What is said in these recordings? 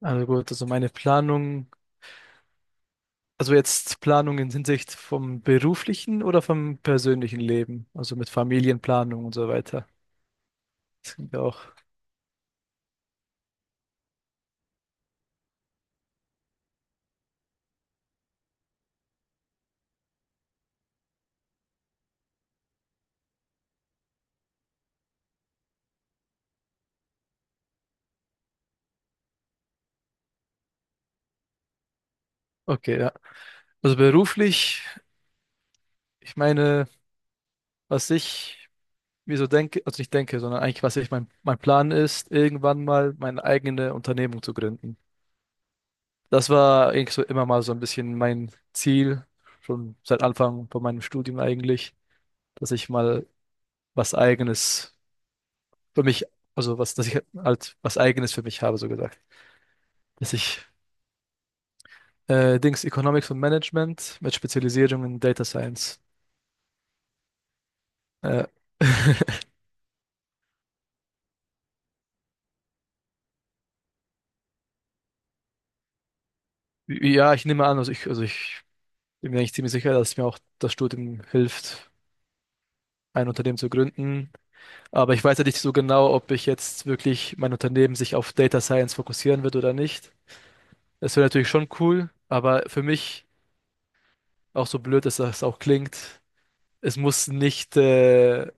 Also gut, also meine Planung, also jetzt Planung in Hinsicht vom beruflichen oder vom persönlichen Leben, also mit Familienplanung und so weiter. Das klingt ja auch. Okay, ja. Also beruflich, ich meine, was ich mir so denke, also nicht denke, sondern eigentlich, was ich mein Plan ist, irgendwann mal meine eigene Unternehmung zu gründen. Das war eigentlich so immer mal so ein bisschen mein Ziel, schon seit Anfang von meinem Studium eigentlich, dass ich mal was Eigenes für mich, also was, dass ich halt was Eigenes für mich habe, so gesagt. Dass ich Dings Economics und Management mit Spezialisierung in Data Science. Äh, ja, ich nehme an, also ich bin mir eigentlich ziemlich sicher, dass mir auch das Studium hilft, ein Unternehmen zu gründen. Aber ich weiß ja nicht so genau, ob ich jetzt wirklich mein Unternehmen sich auf Data Science fokussieren wird oder nicht. Das wäre natürlich schon cool, aber für mich, auch so blöd, dass das auch klingt, es muss nicht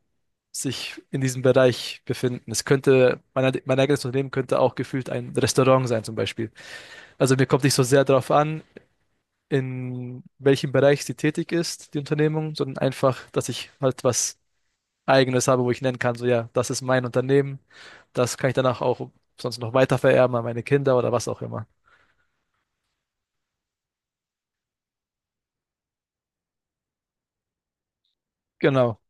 sich in diesem Bereich befinden. Es könnte, mein eigenes Unternehmen könnte auch gefühlt ein Restaurant sein, zum Beispiel. Also mir kommt nicht so sehr darauf an, in welchem Bereich sie tätig ist, die Unternehmung, sondern einfach, dass ich halt was Eigenes habe, wo ich nennen kann, so ja, das ist mein Unternehmen, das kann ich danach auch sonst noch weiter vererben an meine Kinder oder was auch immer. Genau.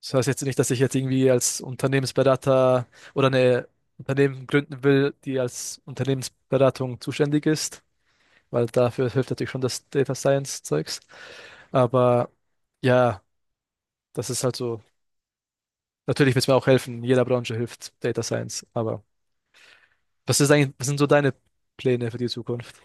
Das heißt jetzt nicht, dass ich jetzt irgendwie als Unternehmensberater oder eine Unternehmen gründen will, die als Unternehmensberatung zuständig ist, weil dafür hilft natürlich schon das Data Science Zeugs. Aber ja, das ist halt so. Natürlich wird es mir auch helfen. In jeder Branche hilft Data Science. Aber was ist eigentlich, was sind so deine Pläne für die Zukunft?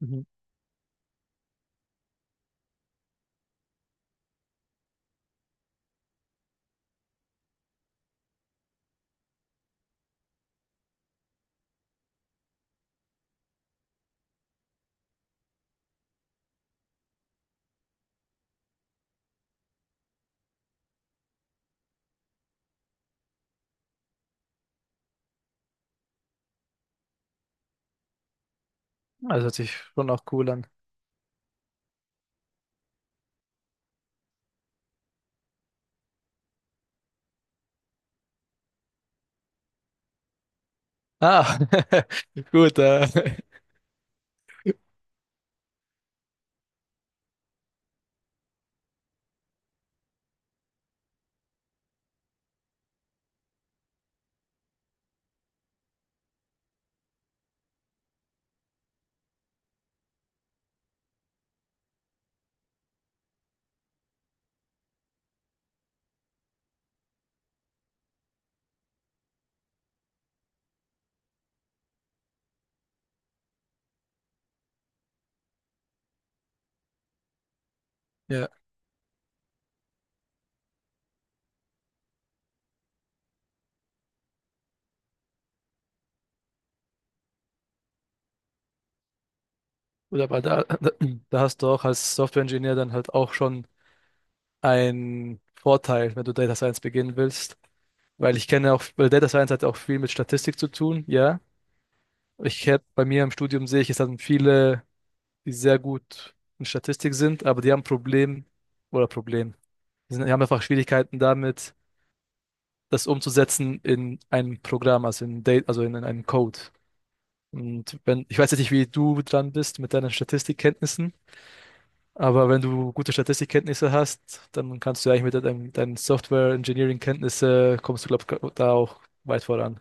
Mhm. Also hört sich schon auch cool an. Ah, gut. Ja, gut, aber da hast du auch als Software-Ingenieur dann halt auch schon einen Vorteil, wenn du Data Science beginnen willst. Weil ich kenne auch, weil Data Science hat ja auch viel mit Statistik zu tun, ja. Ich hätte bei mir im Studium sehe ich, es haben viele, die sehr gut in Statistik sind, aber die haben ein Problem oder Problem. Die sind, die haben einfach Schwierigkeiten damit, das umzusetzen in ein Programm, also in Date, also in einem Code. Und wenn, ich weiß jetzt nicht, wie du dran bist mit deinen Statistikkenntnissen, aber wenn du gute Statistikkenntnisse hast, dann kannst du ja eigentlich mit deinen Software-Engineering-Kenntnisse kommst du, glaube ich, da auch weit voran.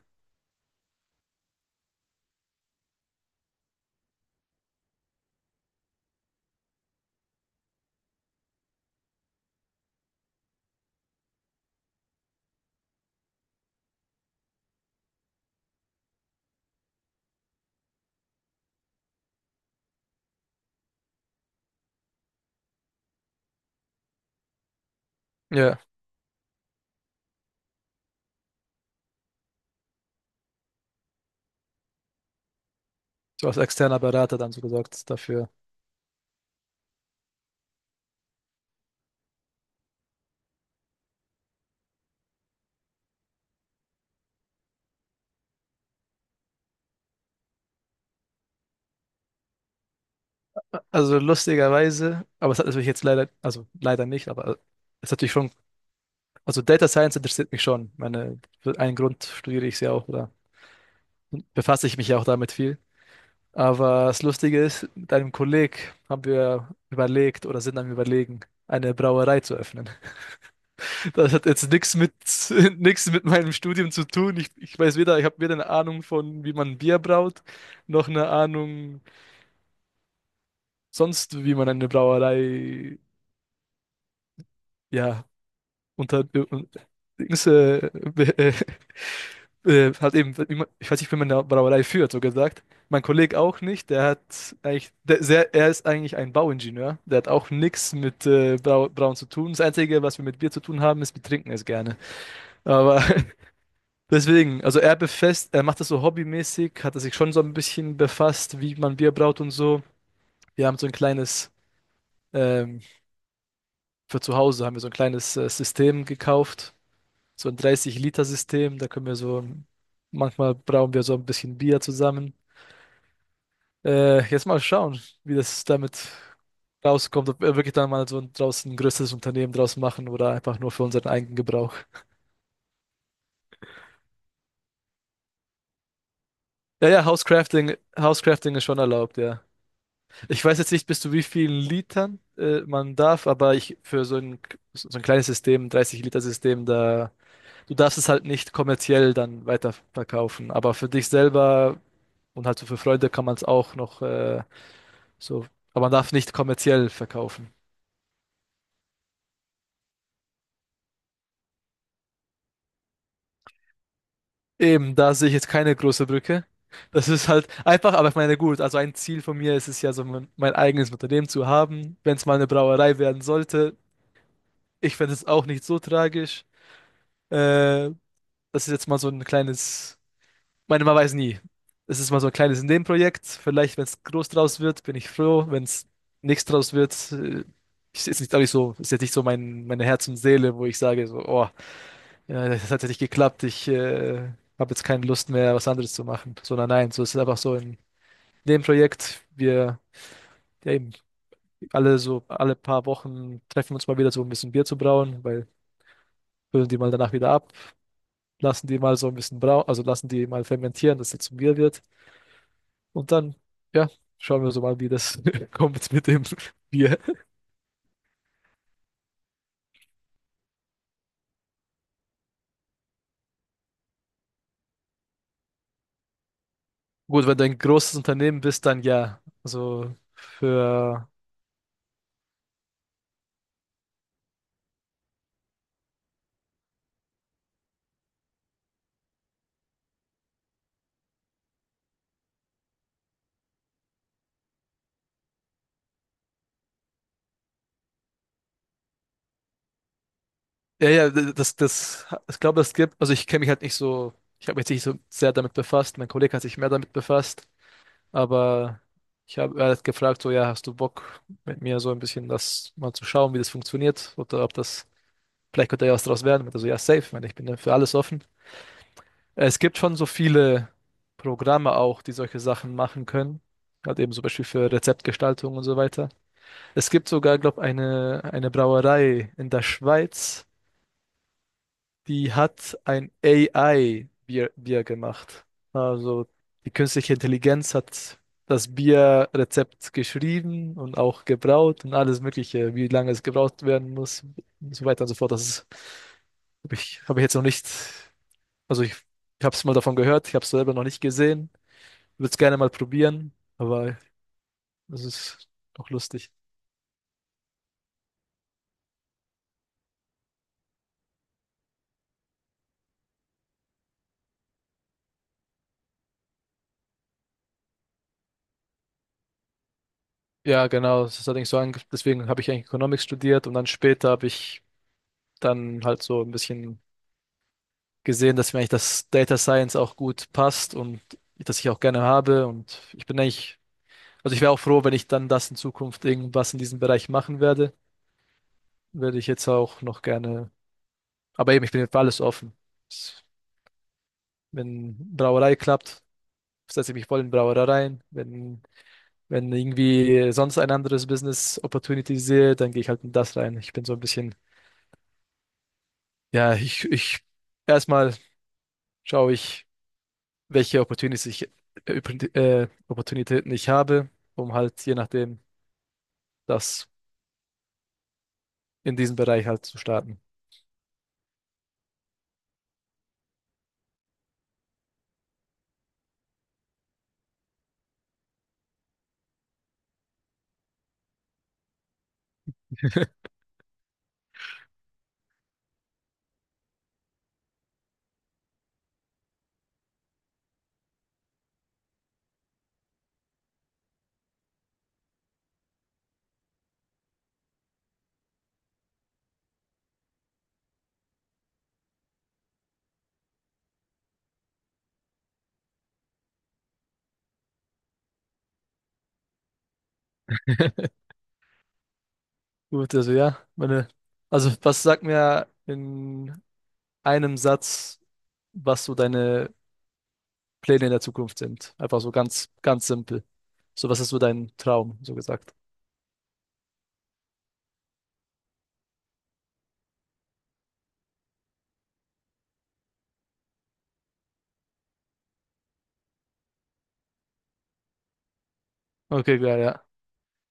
Ja, so als externer Berater dann so gesagt dafür. Also lustigerweise, aber es hat natürlich jetzt leider, also leider nicht, aber es hat natürlich schon, also Data Science interessiert mich schon. Ich meine, für einen Grund studiere ich es ja auch oder befasse ich mich ja auch damit viel. Aber das Lustige ist, mit einem Kolleg haben wir überlegt oder sind am Überlegen, eine Brauerei zu öffnen. Das hat jetzt nichts mit, nichts mit meinem Studium zu tun. Ich weiß weder, ich habe weder eine Ahnung von, wie man Bier braut, noch eine Ahnung sonst, wie man eine Brauerei ja, und dann und Dings, äh, hat eben, immer- ich weiß nicht, wie man eine Brauerei führt, so gesagt. Mein Kollege auch nicht, der hat eigentlich, der, sehr, er ist eigentlich ein Bauingenieur, der hat auch nichts mit Brau, Brauen zu tun. Das Einzige, was wir mit Bier zu tun haben, ist, wir trinken es gerne. Aber deswegen, also er befasst, er macht das so hobbymäßig, hat er sich schon so ein bisschen befasst, wie man Bier braut und so. Wir haben so ein kleines, ähm, für zu Hause haben wir so ein kleines System gekauft, so ein 30-Liter-System. Da können wir so, manchmal brauchen wir so ein bisschen Bier zusammen. Jetzt mal schauen, wie das damit rauskommt, ob wir wirklich dann mal so ein, draußen ein größeres Unternehmen draus machen oder einfach nur für unseren eigenen Gebrauch. Ja, ja, Housecrafting, Housecrafting ist schon erlaubt, ja. Ich weiß jetzt nicht, bis zu wie vielen Litern man darf, aber ich für so ein kleines System, 30-Liter-System, da du darfst es halt nicht kommerziell dann weiterverkaufen. Aber für dich selber und halt so für Freunde kann man es auch noch so, aber man darf nicht kommerziell verkaufen. Eben, da sehe ich jetzt keine große Brücke. Das ist halt einfach, aber ich meine, gut, also ein Ziel von mir ist es ja so, mein eigenes Unternehmen zu haben, wenn es mal eine Brauerei werden sollte. Ich fände es auch nicht so tragisch. Äh, das ist jetzt mal so ein kleines, ich meine, man weiß nie. Es ist mal so ein kleines Nebenprojekt. Vielleicht, wenn es groß draus wird, bin ich froh. Wenn es nichts draus wird, ist jetzt nicht, glaube ich, so, ist jetzt nicht so mein, meine Herz und Seele, wo ich sage, so, oh, ja, das hat ja nicht geklappt. Ich habe jetzt keine Lust mehr, was anderes zu machen, sondern nein, so ist es einfach so in dem Projekt. Wir ja eben alle so alle paar Wochen treffen wir uns mal wieder so ein bisschen Bier zu brauen, weil füllen die mal danach wieder ab, lassen die mal so ein bisschen brauen, also lassen die mal fermentieren, dass das zum Bier wird. Und dann, ja, schauen wir so mal, wie das kommt mit dem Bier. Gut, wenn du ein großes Unternehmen bist, dann ja. Also für ja, ja, ich glaube, es gibt, also ich kenne mich halt nicht so, ich habe mich jetzt nicht so sehr damit befasst, mein Kollege hat sich mehr damit befasst, aber ich habe, er hat gefragt, so, ja, hast du Bock, mit mir so ein bisschen das mal zu schauen, wie das funktioniert, oder ob das, vielleicht könnte ja was draus werden, also ja, safe, ich meine, ich bin ja für alles offen. Es gibt schon so viele Programme auch, die solche Sachen machen können, halt eben zum Beispiel für Rezeptgestaltung und so weiter. Es gibt sogar, glaube ich, eine Brauerei in der Schweiz, die hat ein AI-Bier Bier gemacht. Also die künstliche Intelligenz hat das Bierrezept geschrieben und auch gebraut und alles Mögliche, wie lange es gebraut werden muss und so weiter und so fort. Das ist, habe ich, hab ich jetzt noch nicht, also ich habe es mal davon gehört, ich habe es selber noch nicht gesehen, würde es gerne mal probieren, aber es ist doch lustig. Ja, genau. Das ist allerdings so ange- deswegen habe ich eigentlich Economics studiert und dann später habe ich dann halt so ein bisschen gesehen, dass mir eigentlich das Data Science auch gut passt und das ich auch gerne habe. Und ich bin eigentlich, also ich wäre auch froh, wenn ich dann das in Zukunft irgendwas in diesem Bereich machen werde. Würde ich jetzt auch noch gerne. Aber eben, ich bin für alles offen. Wenn Brauerei klappt, setze ich mich voll in Brauerei rein. Wenn, wenn irgendwie sonst ein anderes Business Opportunity sehe, dann gehe ich halt in das rein. Ich bin so ein bisschen, ja, ich erstmal schaue ich welche Opportunities ich, Oppor- Opportunitäten ich habe, um halt je nachdem das in diesem Bereich halt zu starten. Gut, also ja, meine, also was sagt mir in einem Satz, was so deine Pläne in der Zukunft sind? Einfach so ganz, ganz simpel. So, was ist so dein Traum, so gesagt? Okay, klar, ja.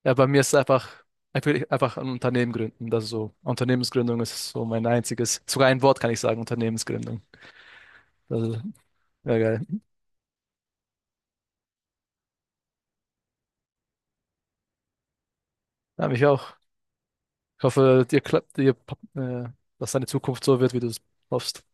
Ja, bei mir ist es einfach, ich will einfach ein Unternehmen gründen. Das ist so, Unternehmensgründung ist so mein einziges, sogar ein Wort kann ich sagen, Unternehmensgründung. Also, ja, geil. Ja, mich auch. Ich hoffe, dir klappt, dir, äh, dass deine Zukunft so wird, wie du es hoffst.